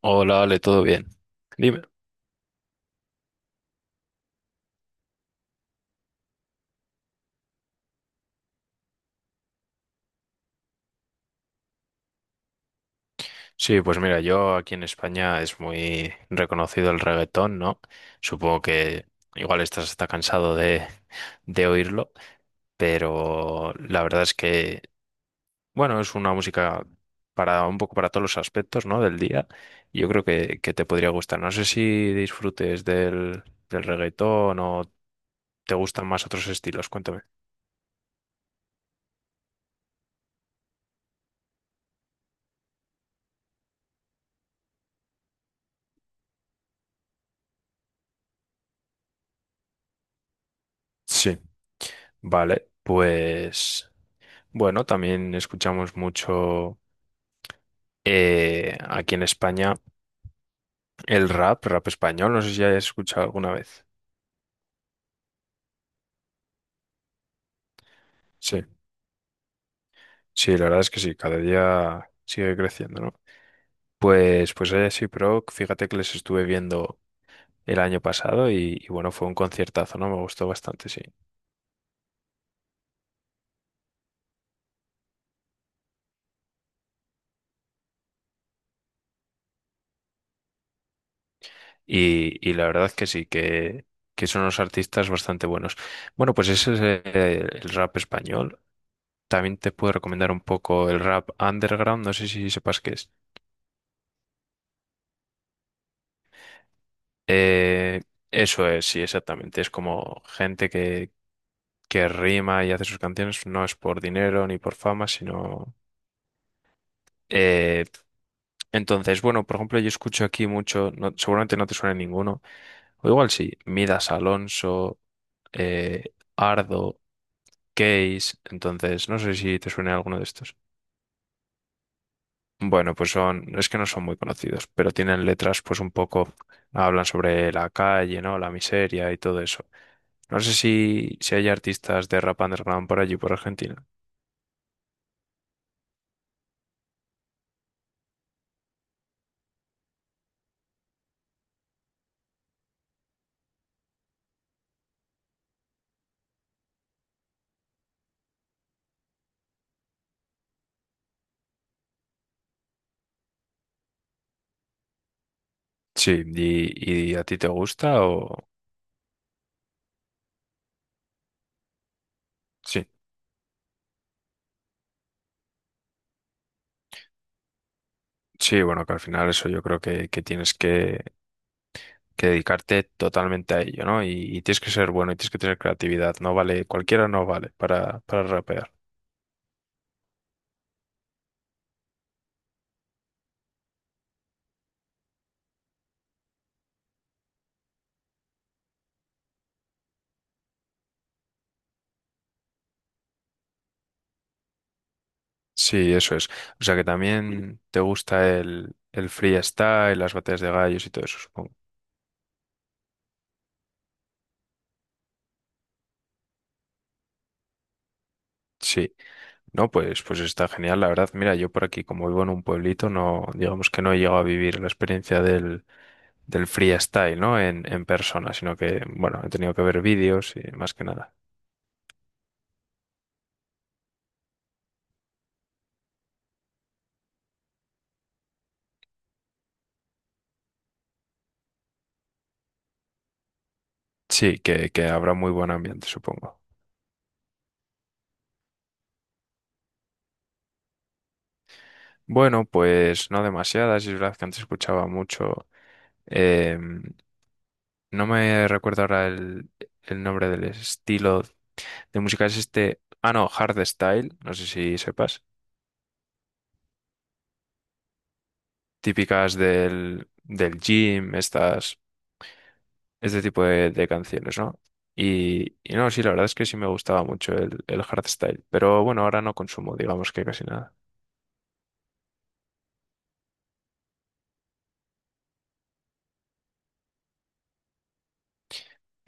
Hola, Ale, ¿todo bien? Dime. Sí, pues mira, yo aquí en España es muy reconocido el reggaetón, ¿no? Supongo que igual estás hasta cansado de oírlo, pero la verdad es que, bueno, es una música para un poco para todos los aspectos, ¿no? del día. Yo creo que te podría gustar. No sé si disfrutes del reggaetón o te gustan más otros estilos, cuéntame. Sí. Vale, pues. Bueno, también escuchamos mucho aquí en España el rap español. No sé si hayas escuchado alguna vez. Sí, sí, la verdad es que sí, cada día sigue creciendo, ¿no? Pues, pues sí, pero fíjate que les estuve viendo el año pasado y bueno, fue un conciertazo, ¿no? Me gustó bastante, sí. Y la verdad que sí, que son unos artistas bastante buenos. Bueno, pues ese es el rap español. También te puedo recomendar un poco el rap underground, no sé si sepas qué es. Eh, eso es, sí, exactamente. Es como gente que rima y hace sus canciones, no es por dinero ni por fama, sino... eh, entonces, bueno, por ejemplo, yo escucho aquí mucho, no- seguramente no te suena ninguno, o igual sí, Midas Alonso, Ardo, Case, entonces no sé si te suena alguno de estos. Bueno, pues son, es que no son muy conocidos, pero tienen letras pues un poco, hablan sobre la calle, ¿no? La miseria y todo eso. No sé si, si hay artistas de rap underground por allí, por Argentina. Sí, y a ti te gusta o... Sí, sí, bueno, que al final eso yo creo que tienes que dedicarte totalmente a ello, ¿no? Y tienes que ser bueno y tienes que tener creatividad, no vale, cualquiera no vale para rapear. Sí, eso es. O sea que también te gusta el freestyle, las batallas de gallos y todo eso, supongo. Sí, no, pues, pues está genial, la verdad. Mira, yo por aquí, como vivo en un pueblito, no, digamos que no he llegado a vivir la experiencia del freestyle, ¿no? En persona, sino que, bueno, he tenido que ver vídeos y más que nada. Sí, que habrá muy buen ambiente, supongo. Bueno, pues no demasiadas, es verdad que antes escuchaba mucho. Eh, no me recuerdo ahora el nombre del estilo de música. Es este. Ah, no, hardstyle. No sé si sepas. Típicas del, del gym, estas, este tipo de canciones, ¿no? Y no, sí, la verdad es que sí me gustaba mucho el hardstyle. Pero bueno, ahora no consumo, digamos que casi nada.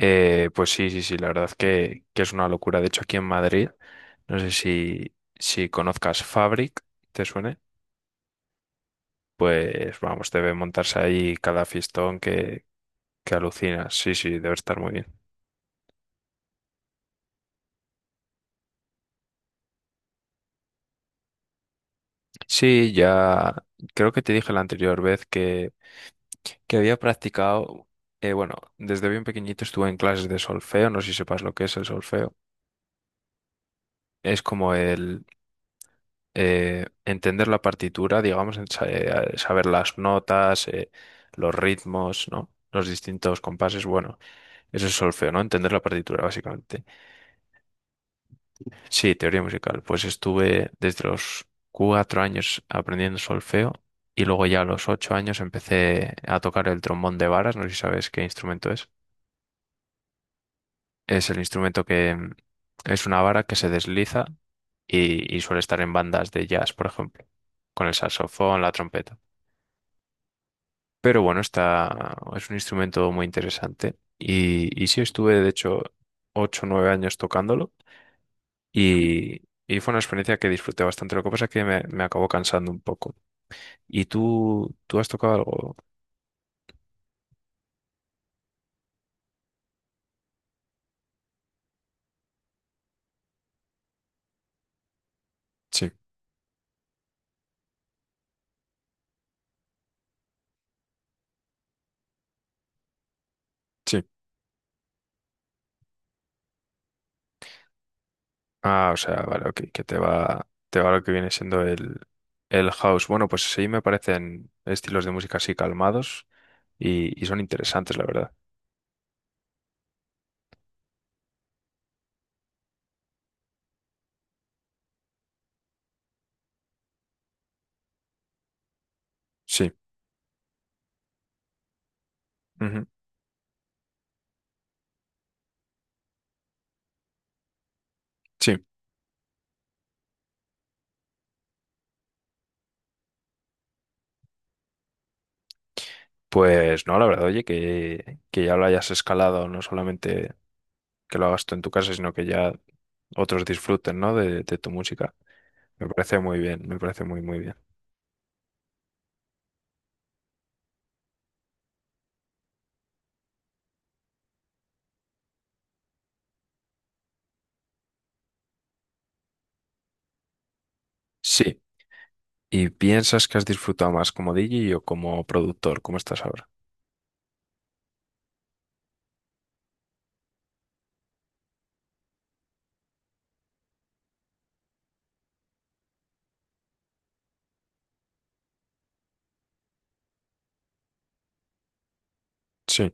Pues sí, sí, sí, la verdad que es una locura. De hecho, aquí en Madrid, no sé si, si conozcas Fabric, ¿te suene? Pues vamos, debe montarse ahí cada fiestón que alucinas. Sí, sí, debe estar muy bien. Sí, ya creo que te dije la anterior vez que había practicado, bueno, desde bien pequeñito estuve en clases de solfeo, no sé si sepas lo que es el solfeo. Es como el entender la partitura, digamos, en sa- saber las notas, los ritmos, ¿no? Los distintos compases, bueno, eso es solfeo, ¿no? Entender la partitura, básicamente. Sí, teoría musical. Pues estuve desde los cuatro años aprendiendo solfeo y luego ya a los ocho años empecé a tocar el trombón de varas. No sé si sabes qué instrumento es. Es el instrumento que es una vara que se desliza y suele estar en bandas de jazz, por ejemplo, con el saxofón, la trompeta. Pero bueno, está, es un instrumento muy interesante y sí estuve, de hecho, ocho o nueve años tocándolo. Y fue una experiencia que disfruté bastante. Lo que pasa es que me acabó cansando un poco. ¿Y tú has tocado algo? Sí, sí. Ah, o sea, vale, ok, que te va lo que viene siendo el house. Bueno, pues sí, me parecen estilos de música así calmados y son interesantes, la verdad. Sí, ujú, sí. Pues no, la verdad, oye, que ya lo hayas escalado, no solamente que lo hagas tú en tu casa, sino que ya otros disfruten, ¿no? De tu música. Me parece muy bien, me parece muy, muy bien. Sí. ¿Y piensas que has disfrutado más como DJ o como productor? ¿Cómo estás ahora? Sí,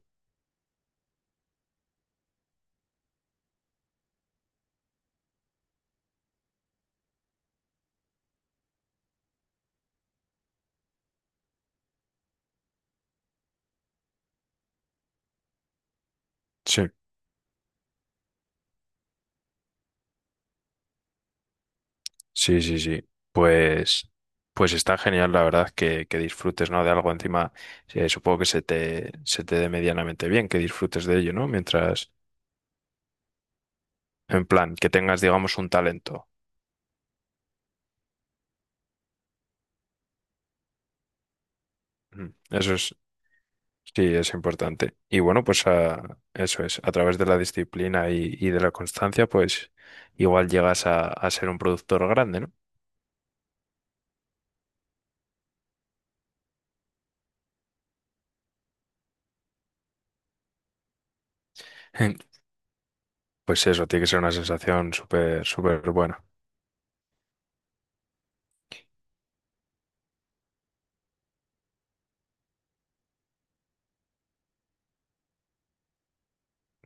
sí, sí, sí, sí. Pues, pues está genial, la verdad, que disfrutes, ¿no? De algo encima, supongo que se te dé medianamente bien, que disfrutes de ello, ¿no? Mientras, en plan, que tengas, digamos, un talento. Mm, eso es, sí, es importante. Y bueno, pues a- eso es, a través de la disciplina y de la constancia, pues igual llegas a ser un productor grande, ¿no? Pues eso, tiene que ser una sensación súper, súper buena.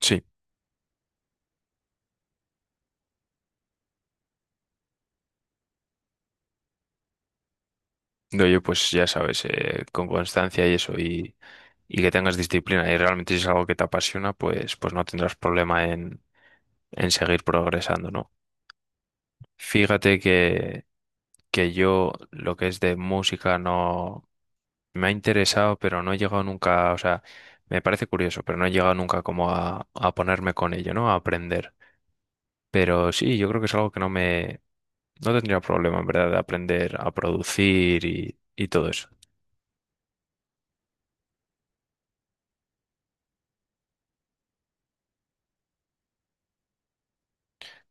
Sí, no, yo pues ya sabes, con constancia y eso, y que tengas disciplina, y realmente si es algo que te apasiona, pues, pues no tendrás problema en seguir progresando, ¿no? Fíjate que yo lo que es de música no me ha interesado, pero no he llegado nunca, o sea, me parece curioso, pero no he llegado nunca como a ponerme con ello, ¿no? A aprender. Pero sí, yo creo que es algo que no me no tendría problema, en verdad, de aprender a producir y todo eso.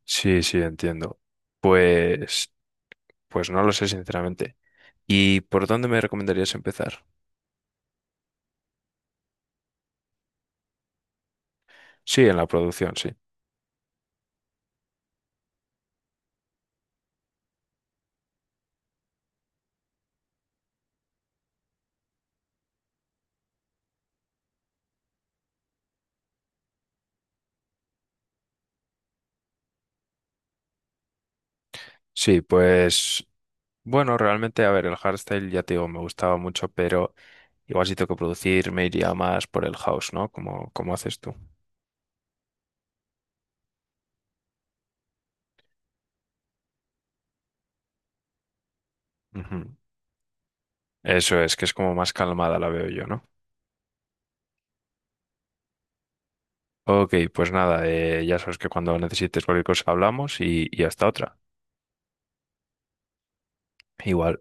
Sí, sí, entiendo. Pues, pues no lo sé, sinceramente. ¿Y por dónde me recomendarías empezar? Sí, en la producción, sí. Sí, pues, bueno, realmente, a ver, el hardstyle ya te digo, me gustaba mucho, pero igual si tengo que producir, me iría más por el house, ¿no? Como, como haces tú. Ujú. Eso es, que es como más calmada la veo yo, ¿no? Ok, pues nada, ya sabes que cuando necesites cualquier cosa hablamos y hasta otra. Igual.